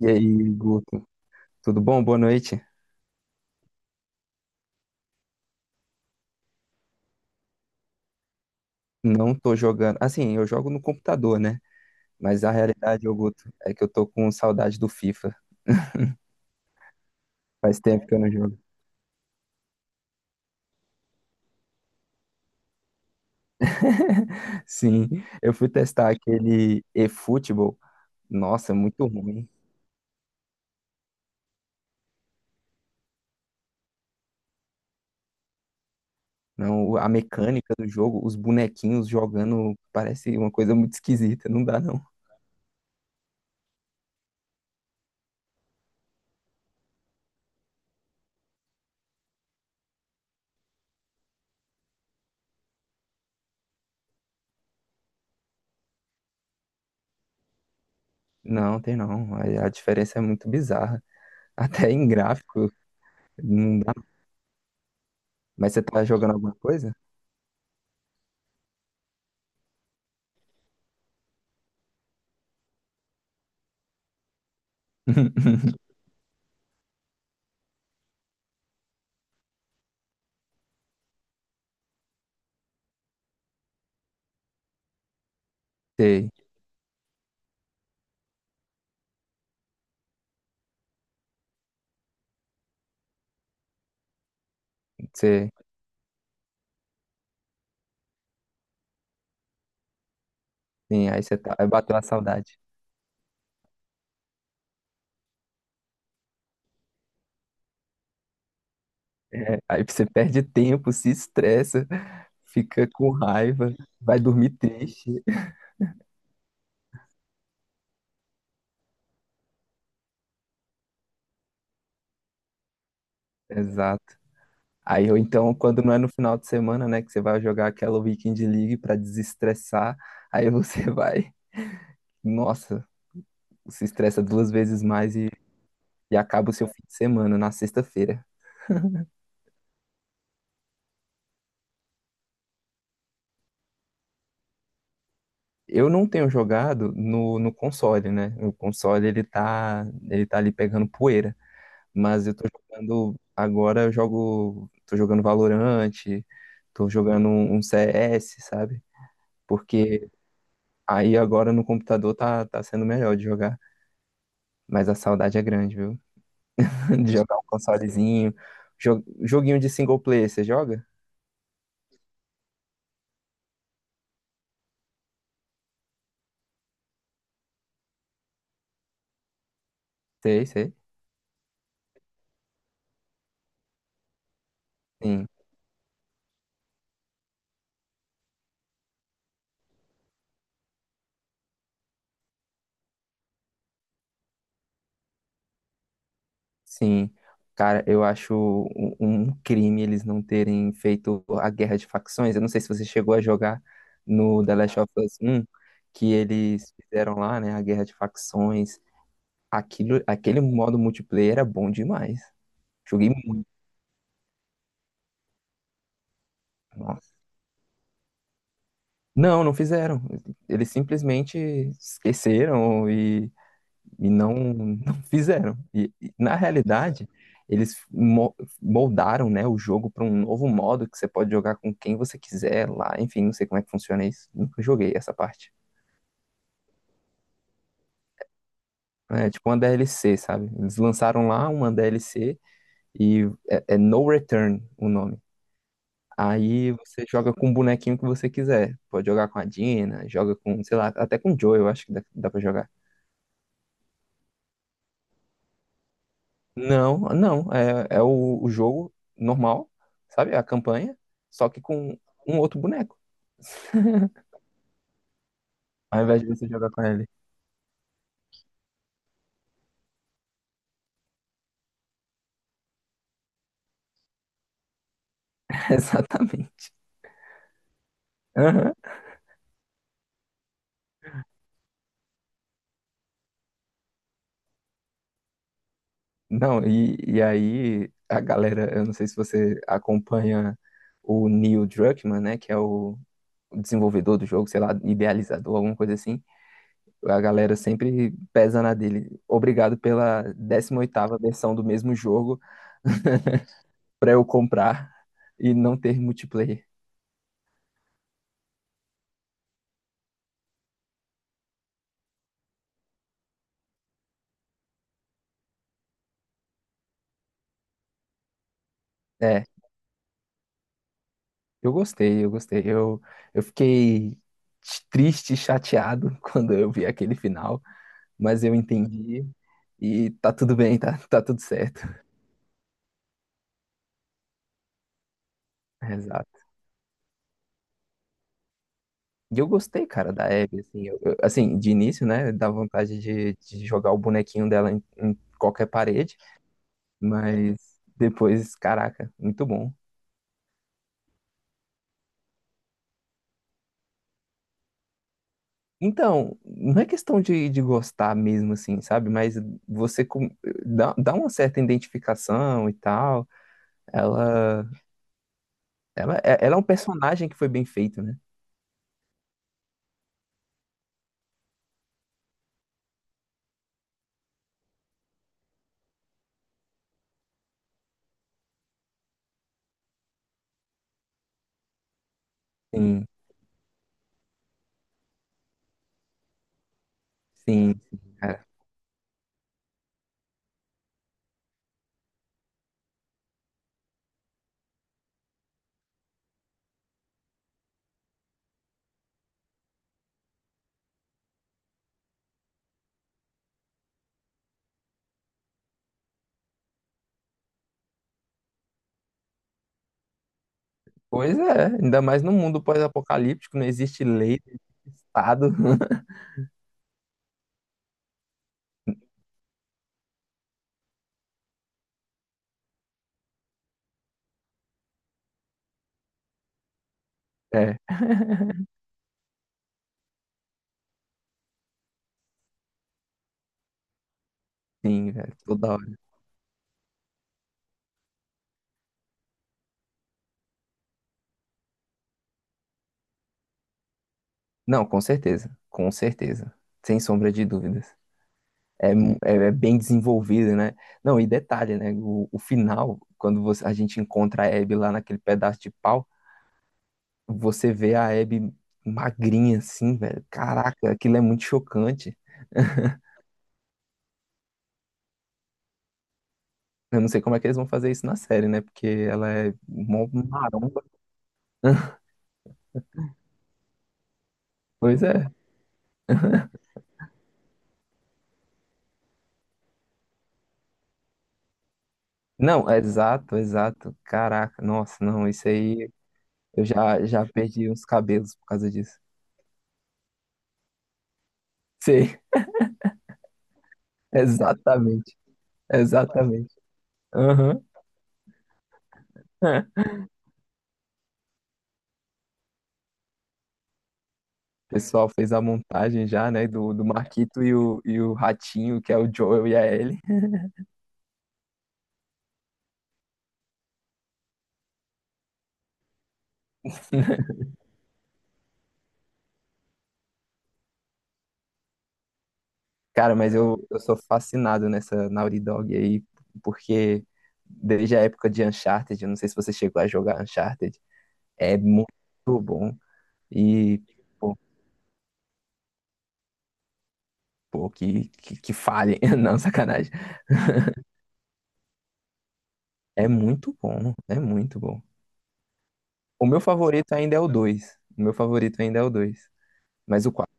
E aí, Guto, tudo bom? Boa noite. Não tô jogando. Assim, eu jogo no computador, né? Mas a realidade, ô Guto, é que eu tô com saudade do FIFA. Faz tempo que eu não jogo. Sim, eu fui testar aquele eFootball. Nossa, muito ruim. Não, a mecânica do jogo, os bonequinhos jogando, parece uma coisa muito esquisita. Não dá, não. Não, tem não. A diferença é muito bizarra. Até em gráfico, não dá. Mas você tá jogando alguma coisa? Sei, sei. Sim, aí você tá, aí bateu a saudade. É, aí você perde tempo, se estressa, fica com raiva, vai dormir triste. Exato. Aí ou então, quando não é no final de semana, né, que você vai jogar aquela Weekend League pra desestressar, aí você vai, nossa, se estressa duas vezes mais e acaba o seu fim de semana na sexta-feira. Eu não tenho jogado no console, né? O console ele tá ali pegando poeira. Mas eu tô jogando. Agora eu jogo. Tô jogando Valorant, tô jogando um CS, sabe? Porque aí agora no computador tá, tá sendo melhor de jogar. Mas a saudade é grande, viu? De jogar um consolezinho. Joguinho de single player, você joga? Sei, sei. Sim. Sim, cara, eu acho um, um crime eles não terem feito a guerra de facções. Eu não sei se você chegou a jogar no The Last of Us um que eles fizeram lá, né, a guerra de facções. Aquilo, aquele modo multiplayer era bom demais. Joguei muito, nossa. Não, não fizeram. Eles simplesmente esqueceram e não fizeram. Na realidade, eles moldaram, né, o jogo para um novo modo que você pode jogar com quem você quiser lá. Enfim, não sei como é que funciona isso. Nunca joguei essa parte. É tipo uma DLC, sabe? Eles lançaram lá uma DLC e é, é No Return o nome. Aí você joga com o bonequinho que você quiser. Pode jogar com a Dina, joga com, sei lá, até com o Joe, eu acho que dá, dá pra jogar. Não, não. É, é o jogo normal, sabe? É a campanha, só que com um outro boneco, ao invés de você jogar com ele. Exatamente. Aham. Não, e aí a galera, eu não sei se você acompanha o Neil Druckmann, né? Que é o desenvolvedor do jogo, sei lá, idealizador, alguma coisa assim. A galera sempre pesa na dele. Obrigado pela décima oitava versão do mesmo jogo pra eu comprar e não ter multiplayer. É, eu gostei, eu gostei. Eu fiquei triste e chateado quando eu vi aquele final, mas eu entendi e tá tudo bem, tá, tá tudo certo. Exato. E eu gostei, cara, da Abby, assim, assim, de início, né, dá vontade de jogar o bonequinho dela em, em qualquer parede, mas depois, caraca, muito bom. Então, não é questão de gostar mesmo, assim, sabe? Mas você com- dá, dá uma certa identificação e tal. Ela. Ela, ela é um personagem que foi bem feito, né? Sim, sim, sim, cara. Pois é, ainda mais no mundo pós-apocalíptico, não existe lei, não existe Estado. É, sim, velho, toda hora. Não, com certeza, sem sombra de dúvidas. É, é, é bem desenvolvido, né? Não, e detalhe, né? O final, a gente encontra a Abby lá naquele pedaço de pau, você vê a Abby magrinha assim, velho. Caraca, aquilo é muito chocante. Eu não sei como é que eles vão fazer isso na série, né? Porque ela é mó maromba. Pois é. Não, exato, exato. Caraca, nossa, não, isso aí eu já, já perdi uns cabelos por causa disso. Sei, exatamente, exatamente. Aham. É. O pessoal fez a montagem já, né? Do Marquito e o Ratinho, que é o Joel e a Ellie. Cara, mas eu sou fascinado nessa Naughty Dog aí, porque desde a época de Uncharted, eu não sei se você chegou a jogar Uncharted. É muito bom. E, pô, pô, que falem. Não, sacanagem. É muito bom. É muito bom. O meu favorito ainda é o dois. O meu favorito ainda é o 2 Mas o quatro.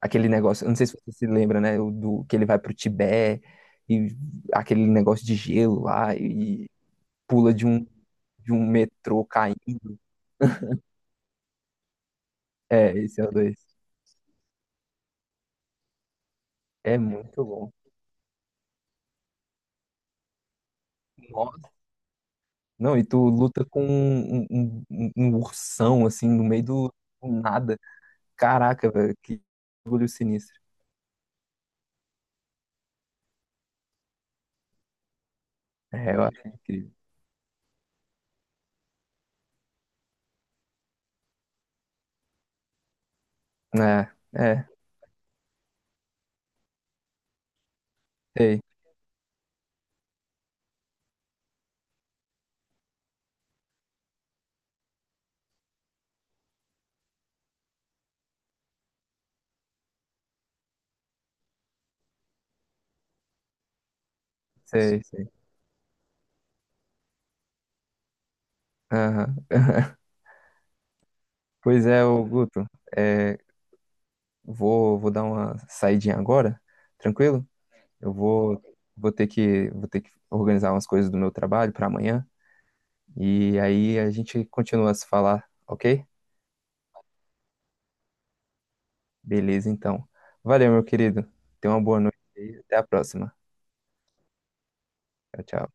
Aquele negócio. Eu Não sei se você se lembra, né? Que ele vai pro Tibete. E aquele negócio de gelo lá. E pula de um metrô caindo. É, esse é o dois. É muito bom. Não, e tu luta com um ursão, assim, no meio do, do nada. Caraca, velho, que orgulho sinistro. É, eu acho incrível. É, é, sei, sei, sei. Aham. Pois é, ô Guto, é, vou, vou dar uma saidinha agora, tranquilo? Eu vou, vou ter que organizar umas coisas do meu trabalho para amanhã, e aí a gente continua a se falar, ok? Beleza, então. Valeu, meu querido. Tenha uma boa noite e até a próxima. Tchau, tchau.